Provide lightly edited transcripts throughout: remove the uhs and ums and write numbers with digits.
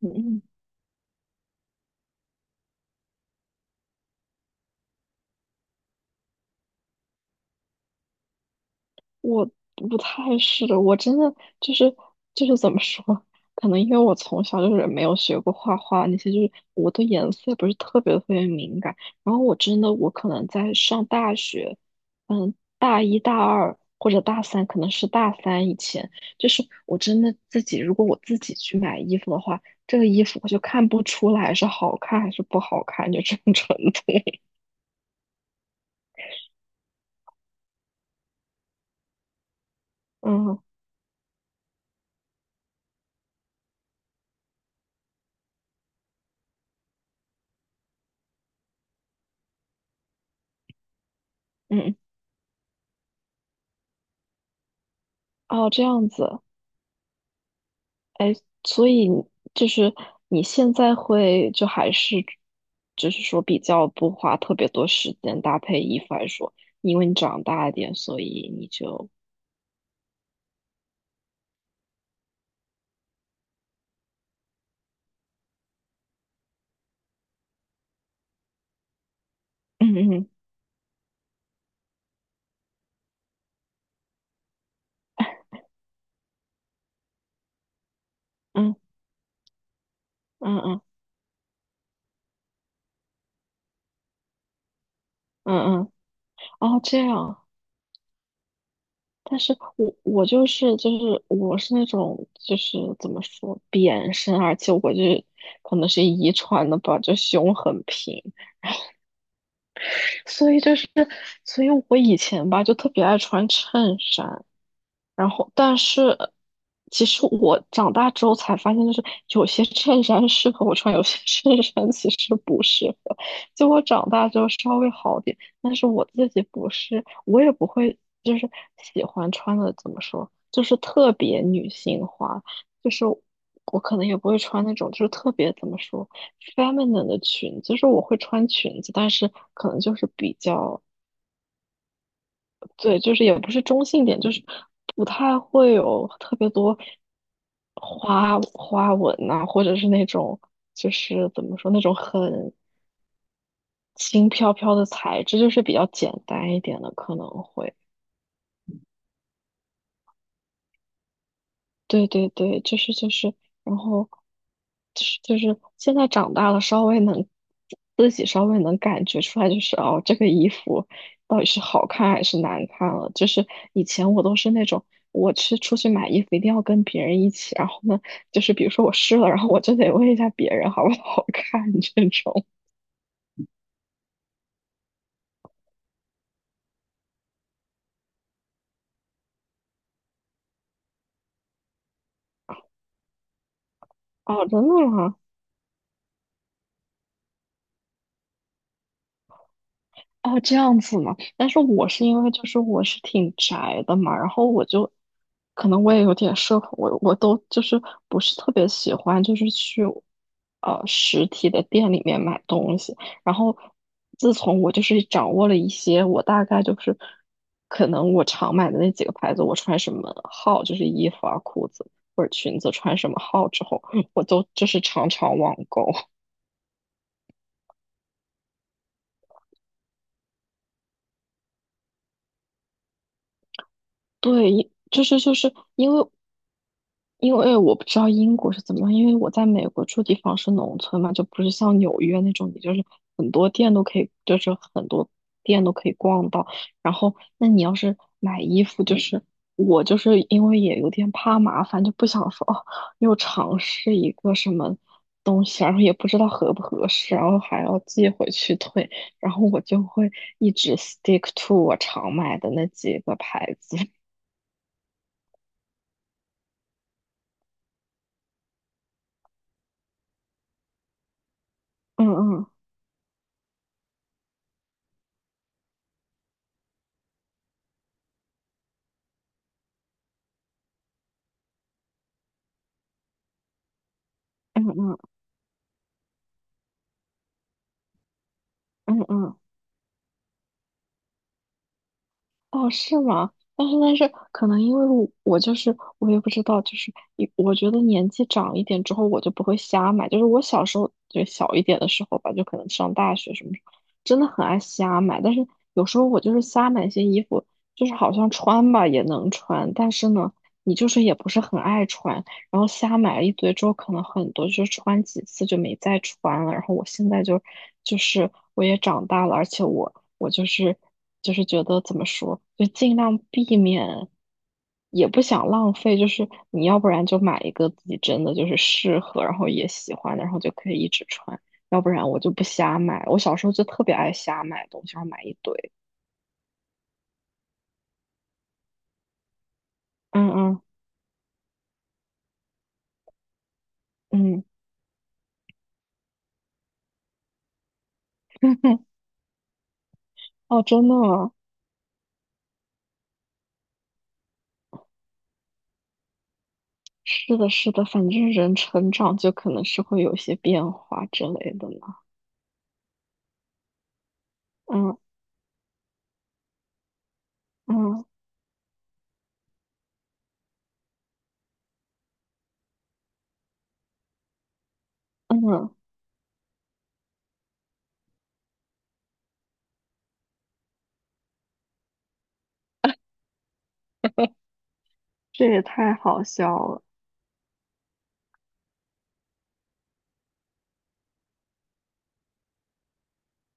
嗯，我不太是，我真的就是就是怎么说，可能因为我从小就是没有学过画画那些，就是我对颜色不是特别特别敏感。然后我真的，我可能在上大学，嗯，大一大二或者大三，可能是大三以前，就是我真的自己，如果我自己去买衣服的话，这个衣服我就看不出来是好看还是不好看，就这种程度。嗯嗯，哦，这样子。所以你就是你现在会就还是就是说比较不花特别多时间搭配衣服来说，因为你长大一点，所以你就。嗯嗯嗯嗯嗯嗯嗯，哦，这样。但是我就是我是那种就是怎么说扁身，而且我就是可能是遗传的吧，就胸很平，所以就是所以我以前吧就特别爱穿衬衫。然后，但是其实我长大之后才发现，就是有些衬衫适合我穿，有些 衬衫其实不适合。就我长大之后稍微好点，但是我自己不是，我也不会就是喜欢穿的怎么说，就是特别女性化，就是我可能也不会穿那种就是特别怎么说 feminine 的裙子，就是我会穿裙子，但是可能就是比较。对，就是也不是中性点，就是不太会有特别多花花纹呐、或者是那种就是怎么说那种很轻飘飘的材质，就是比较简单一点的可能会。对对对，就是就是，然后就是现在长大了，稍微能自己稍微能感觉出来，就是哦，这个衣服到底是好看还是难看了。就是以前我都是那种，我去出去买衣服一定要跟别人一起，然后呢，就是比如说我试了，然后我就得问一下别人好不好看这种。哦，真的吗？哦，这样子嘛。但是我是因为就是我是挺宅的嘛，然后我就可能我也有点社恐，我都就是不是特别喜欢就是去实体的店里面买东西。然后自从我就是掌握了一些，我大概就是可能我常买的那几个牌子，我穿什么号就是衣服啊、裤子或者裙子穿什么号之后，我都就是常常网购。对，因就是就是因为因为我不知道英国是怎么样，因为我在美国住地方是农村嘛，就不是像纽约那种，你就是很多店都可以逛到。然后，那你要是买衣服，就是我就是因为也有点怕麻烦，就不想说哦，又尝试一个什么东西，然后也不知道合不合适，然后还要寄回去退，然后我就会一直 stick to 我常买的那几个牌子。嗯嗯嗯嗯嗯嗯，哦，是吗？但是，可能因为我就是我也不知道，就是一我觉得年纪长一点之后，我就不会瞎买。就是我小时候就小一点的时候吧，就可能上大学什么时候，真的很爱瞎买。但是有时候我就是瞎买一些衣服，就是好像穿吧也能穿，但是呢，你就是也不是很爱穿。然后瞎买了一堆之后，可能很多就穿几次就没再穿了。然后我现在就是我也长大了，而且我。我就是觉得怎么说，就尽量避免，也不想浪费。就是你要不然就买一个自己真的就是适合，然后也喜欢的，然后就可以一直穿；要不然我就不瞎买。我小时候就特别爱瞎买东西，然后买一堆。嗯嗯嗯，哦，真的吗？是的，是的，反正人成长就可能是会有一些变化之类的嘛。嗯嗯嗯，这也太好笑了。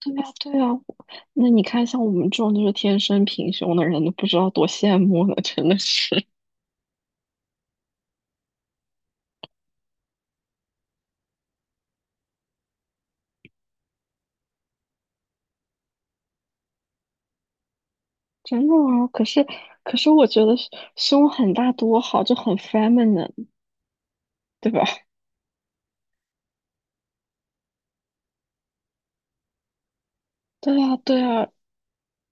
对呀，对呀，那你看，像我们这种就是天生平胸的人，都不知道多羡慕了，真的是，真的啊。可是我觉得胸很大多好，就很 feminine，对吧？对呀，对呀。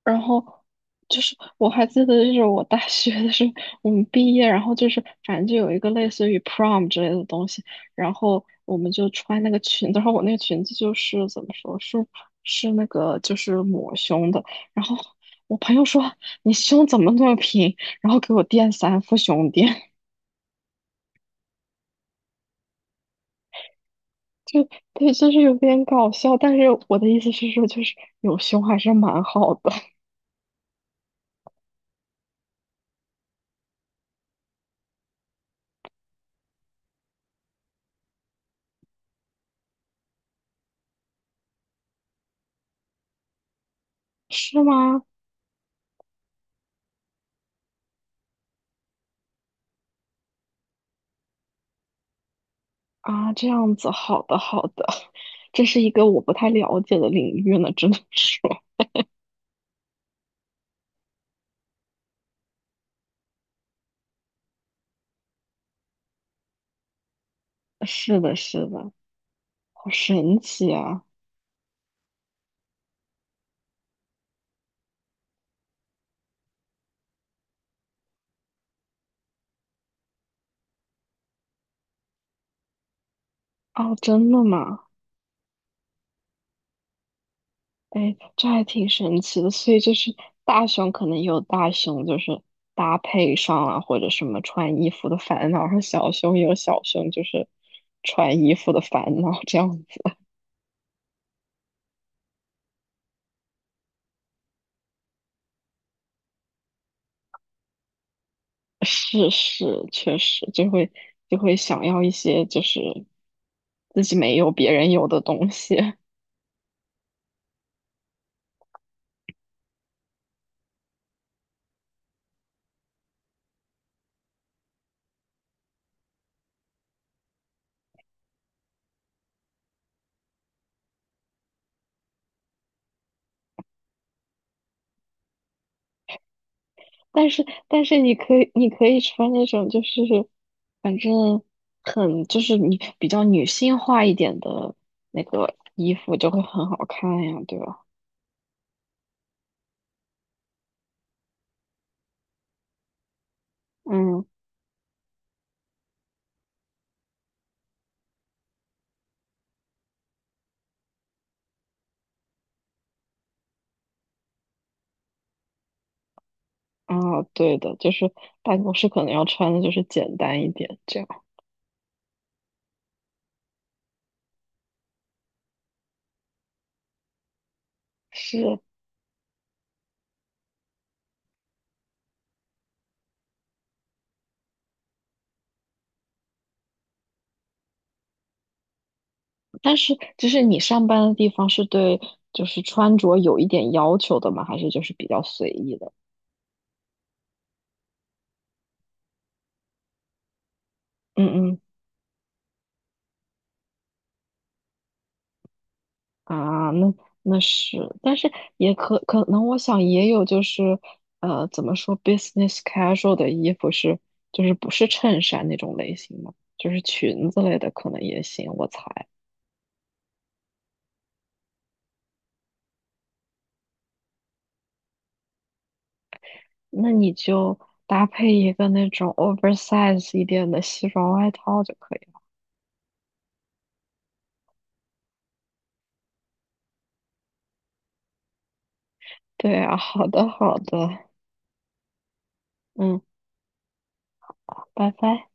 然后就是我还记得，就是我大学的时候，我们毕业，然后就是反正就有一个类似于 prom 之类的东西，然后我们就穿那个裙子，然后我那个裙子就是怎么说，是那个就是抹胸的，然后我朋友说你胸怎么那么平，然后给我垫3副胸垫，就对，就是有点搞笑，但是我的意思是说，就是有胸还是蛮好的。是吗？啊，这样子，好的好的。这是一个我不太了解的领域呢，只能说 是的，是的，好神奇啊！哦，真的吗？哎，这还挺神奇的。所以就是大熊可能有大熊就是搭配上啊，或者什么穿衣服的烦恼，然后小熊也有小熊就是穿衣服的烦恼，这样子。是是，确实就会想要一些就是自己没有别人有的东西。但是你可以穿那种就是反正很就是你比较女性化一点的那个衣服就会很好看呀，对吧？嗯。啊，对的，就是办公室可能要穿的就是简单一点，这样是。但是就是你上班的地方是对就是穿着有一点要求的吗？还是就是比较随意的？嗯嗯。啊，那那是，但是也可能，我想也有就是，怎么说，business casual 的衣服是，就是不是衬衫那种类型的，就是裙子类的可能也行，我猜。那你就搭配一个那种 oversize 一点的西装外套就可以了。对啊，好的好的，嗯，拜拜。